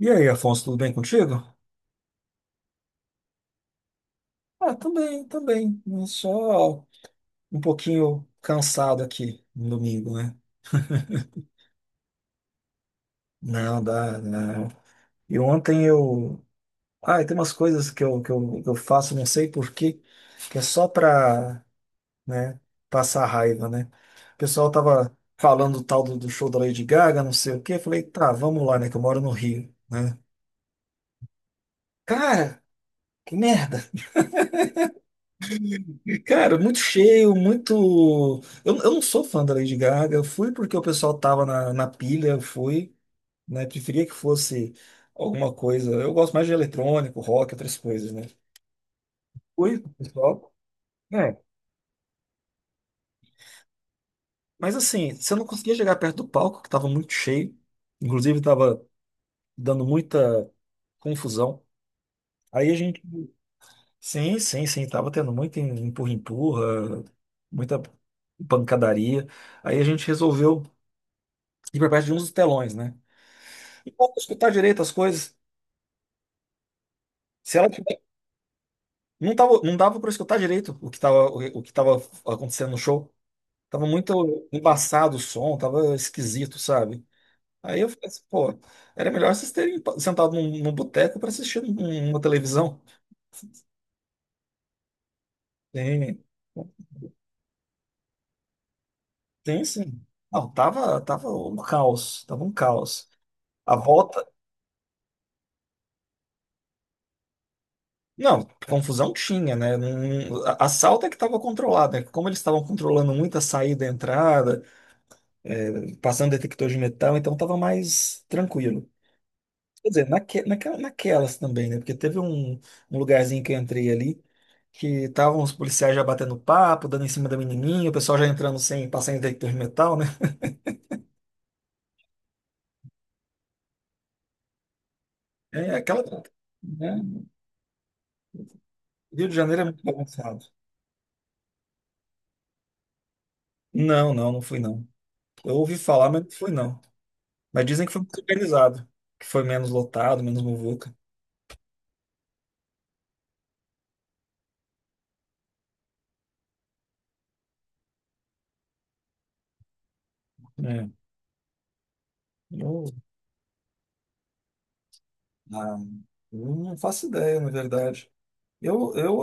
E aí, Afonso, tudo bem contigo? Ah, também, também. Só um pouquinho cansado aqui no domingo, né? Não, dá, não. E ontem eu. Ah, e tem umas coisas que eu faço, não sei por quê, que é só pra, né, passar raiva, né? O pessoal tava falando do tal do show da Lady Gaga, não sei o quê. Eu falei, tá, vamos lá, né? Que eu moro no Rio, né? Cara, que merda! Cara, muito cheio, muito. Eu não sou fã da Lady Gaga. Eu fui porque o pessoal tava na pilha, eu fui, né? Preferia que fosse alguma coisa. Eu gosto mais de eletrônico, rock, outras coisas, né? Fui, com o pessoal. É. Mas assim, você não conseguia chegar perto do palco, que tava muito cheio. Inclusive, tava dando muita confusão. Aí a gente. Sim, sim, sim. Tava tendo muito empurra-empurra, muita pancadaria. Aí a gente resolveu ir pra perto de uns dos telões, né? Não dava pra escutar direito as coisas. Se ela tiver- não tava, não dava para escutar direito o que tava, o que tava acontecendo no show. Tava muito embaçado o som, tava esquisito, sabe? Aí eu falei assim, pô, era melhor vocês terem sentado num boteco para assistir uma televisão. Tem, tem sim. Não, tava um caos, tava um caos. A volta. Não, confusão tinha, né? A salta é que estava controlada, né? Como eles estavam controlando muita saída e entrada, passando detector de metal, então estava mais tranquilo. Quer dizer, naquelas também, né? Porque teve um, um lugarzinho que eu entrei ali que estavam os policiais já batendo papo, dando em cima da menininha, o pessoal já entrando sem passar em detector de metal, né? É aquela. Né? Rio de Janeiro é muito bagunçado. Não, não, não fui não. Eu ouvi falar, mas não fui não. Mas dizem que foi muito organizado, que foi menos lotado, menos muvuca. É. Eu, ah, eu não faço ideia, na verdade. Eu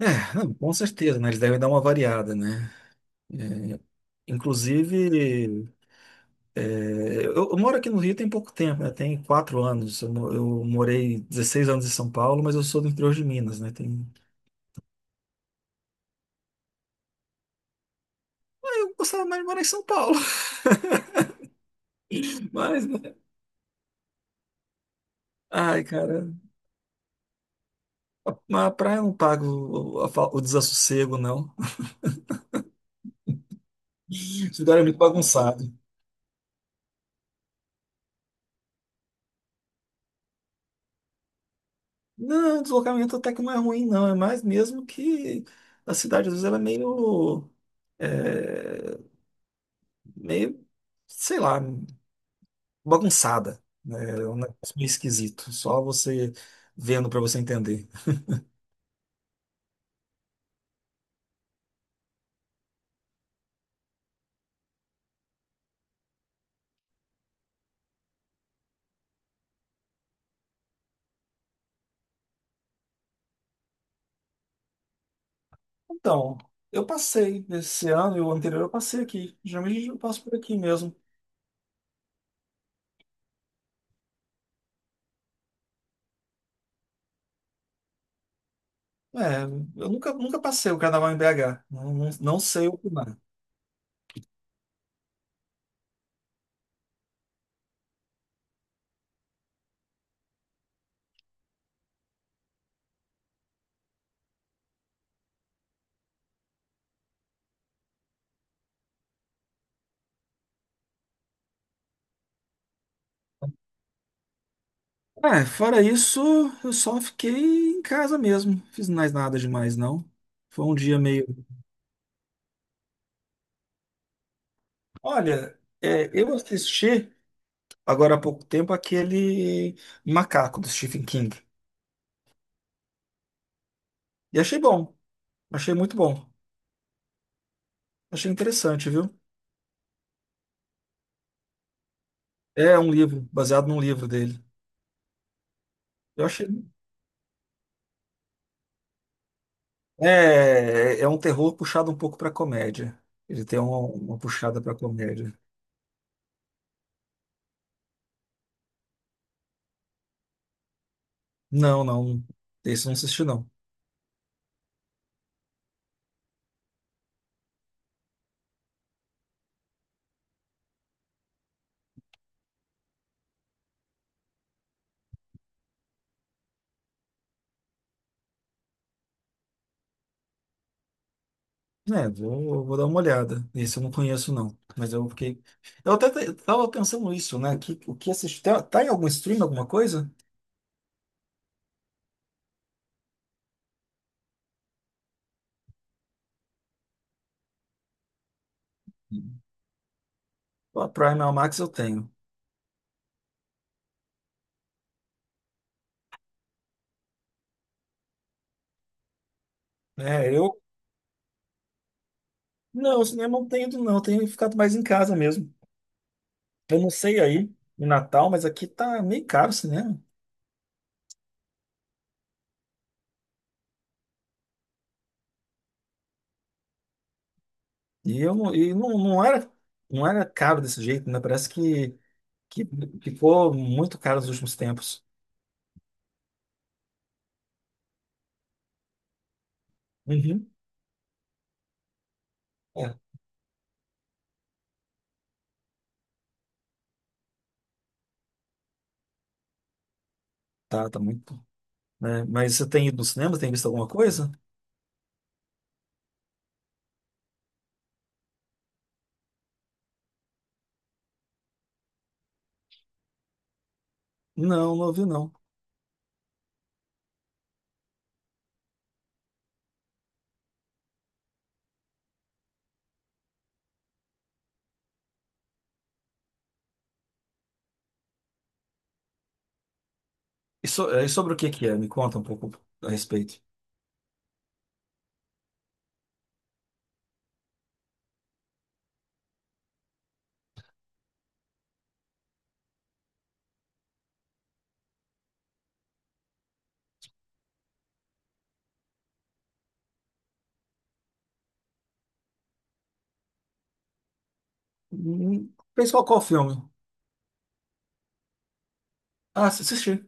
é, não, com certeza, né? Eles devem dar uma variada, né? É, inclusive, é, eu moro aqui no Rio tem pouco tempo, né? Tem quatro anos. Eu morei 16 anos em São Paulo, mas eu sou do interior de Minas, né? Tem... Eu gostava mais de morar em São Paulo, mas, né? Ai, cara, a praia não paga a o desassossego, não. Esse lugar é muito bagunçado. Não, o deslocamento até que não é ruim, não. É mais mesmo que a cidade, às vezes, ela é, meio, sei lá, bagunçada, né? É um negócio meio esquisito, só você vendo para você entender. Então, eu passei esse ano e o anterior eu passei aqui. Geralmente eu passo por aqui mesmo. É, eu nunca, nunca passei o carnaval em BH. Não, não, não sei opinar. É, fora isso, eu só fiquei em casa mesmo. Fiz mais nada demais, não. Foi um dia meio. Olha, é, eu assisti agora há pouco tempo aquele Macaco do Stephen King. E achei bom. Achei muito bom. Achei interessante, viu? É um livro, baseado num livro dele. Eu achei. É, é um terror puxado um pouco para comédia. Ele tem uma puxada para comédia. Não, não. Esse eu não assisti, não. É, vou dar uma olhada. Esse eu não conheço, não. Mas eu fiquei. Tava pensando nisso, né? Que, o que assistir. Tá em algum stream, alguma coisa? A Prime a Max eu tenho. É, eu. Não, o cinema eu não tenho ido, não. Eu tenho ficado mais em casa mesmo. Eu não sei aí, no Natal, mas aqui tá meio caro o cinema. E não, não era caro desse jeito, né? Parece que ficou muito caro nos últimos tempos. Uhum. É, tá muito, né? Mas você tem ido no cinema? Tem visto alguma coisa? Não, não vi não. É, e sobre o que que é? Me conta um pouco a respeito. Fez qual, qual filme? Ah, assisti.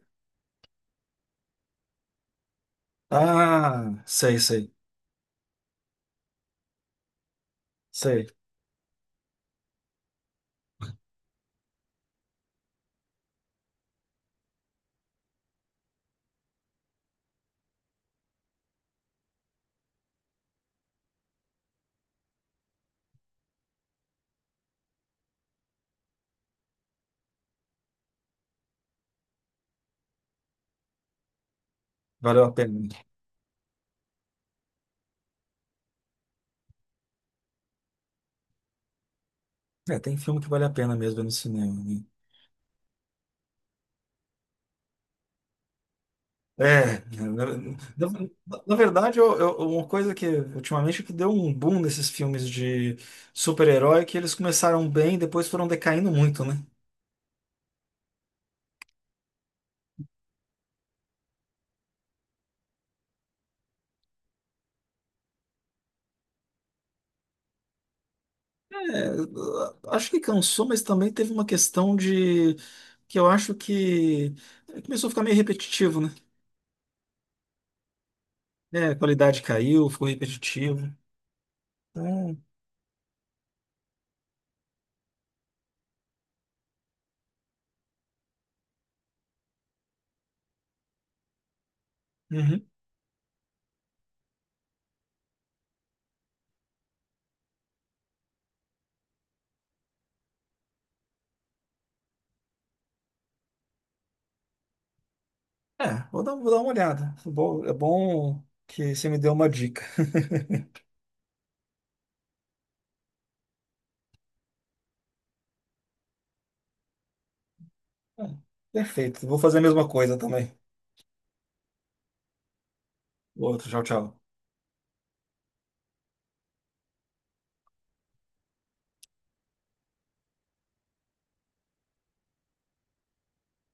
Ah, sei, sei, sei. Valeu a pena. É, tem filme que vale a pena mesmo ver no cinema, né? É, na verdade, uma coisa que ultimamente que deu um boom nesses filmes de super-herói, é que eles começaram bem, depois foram decaindo muito, né? É, acho que cansou, mas também teve uma questão de que eu acho que começou a ficar meio repetitivo, né? É, a qualidade caiu, ficou repetitivo. Então, uhum. É, vou dar uma olhada. É bom que você me deu uma dica. É, perfeito, vou fazer a mesma coisa também. Outro, tchau, tchau.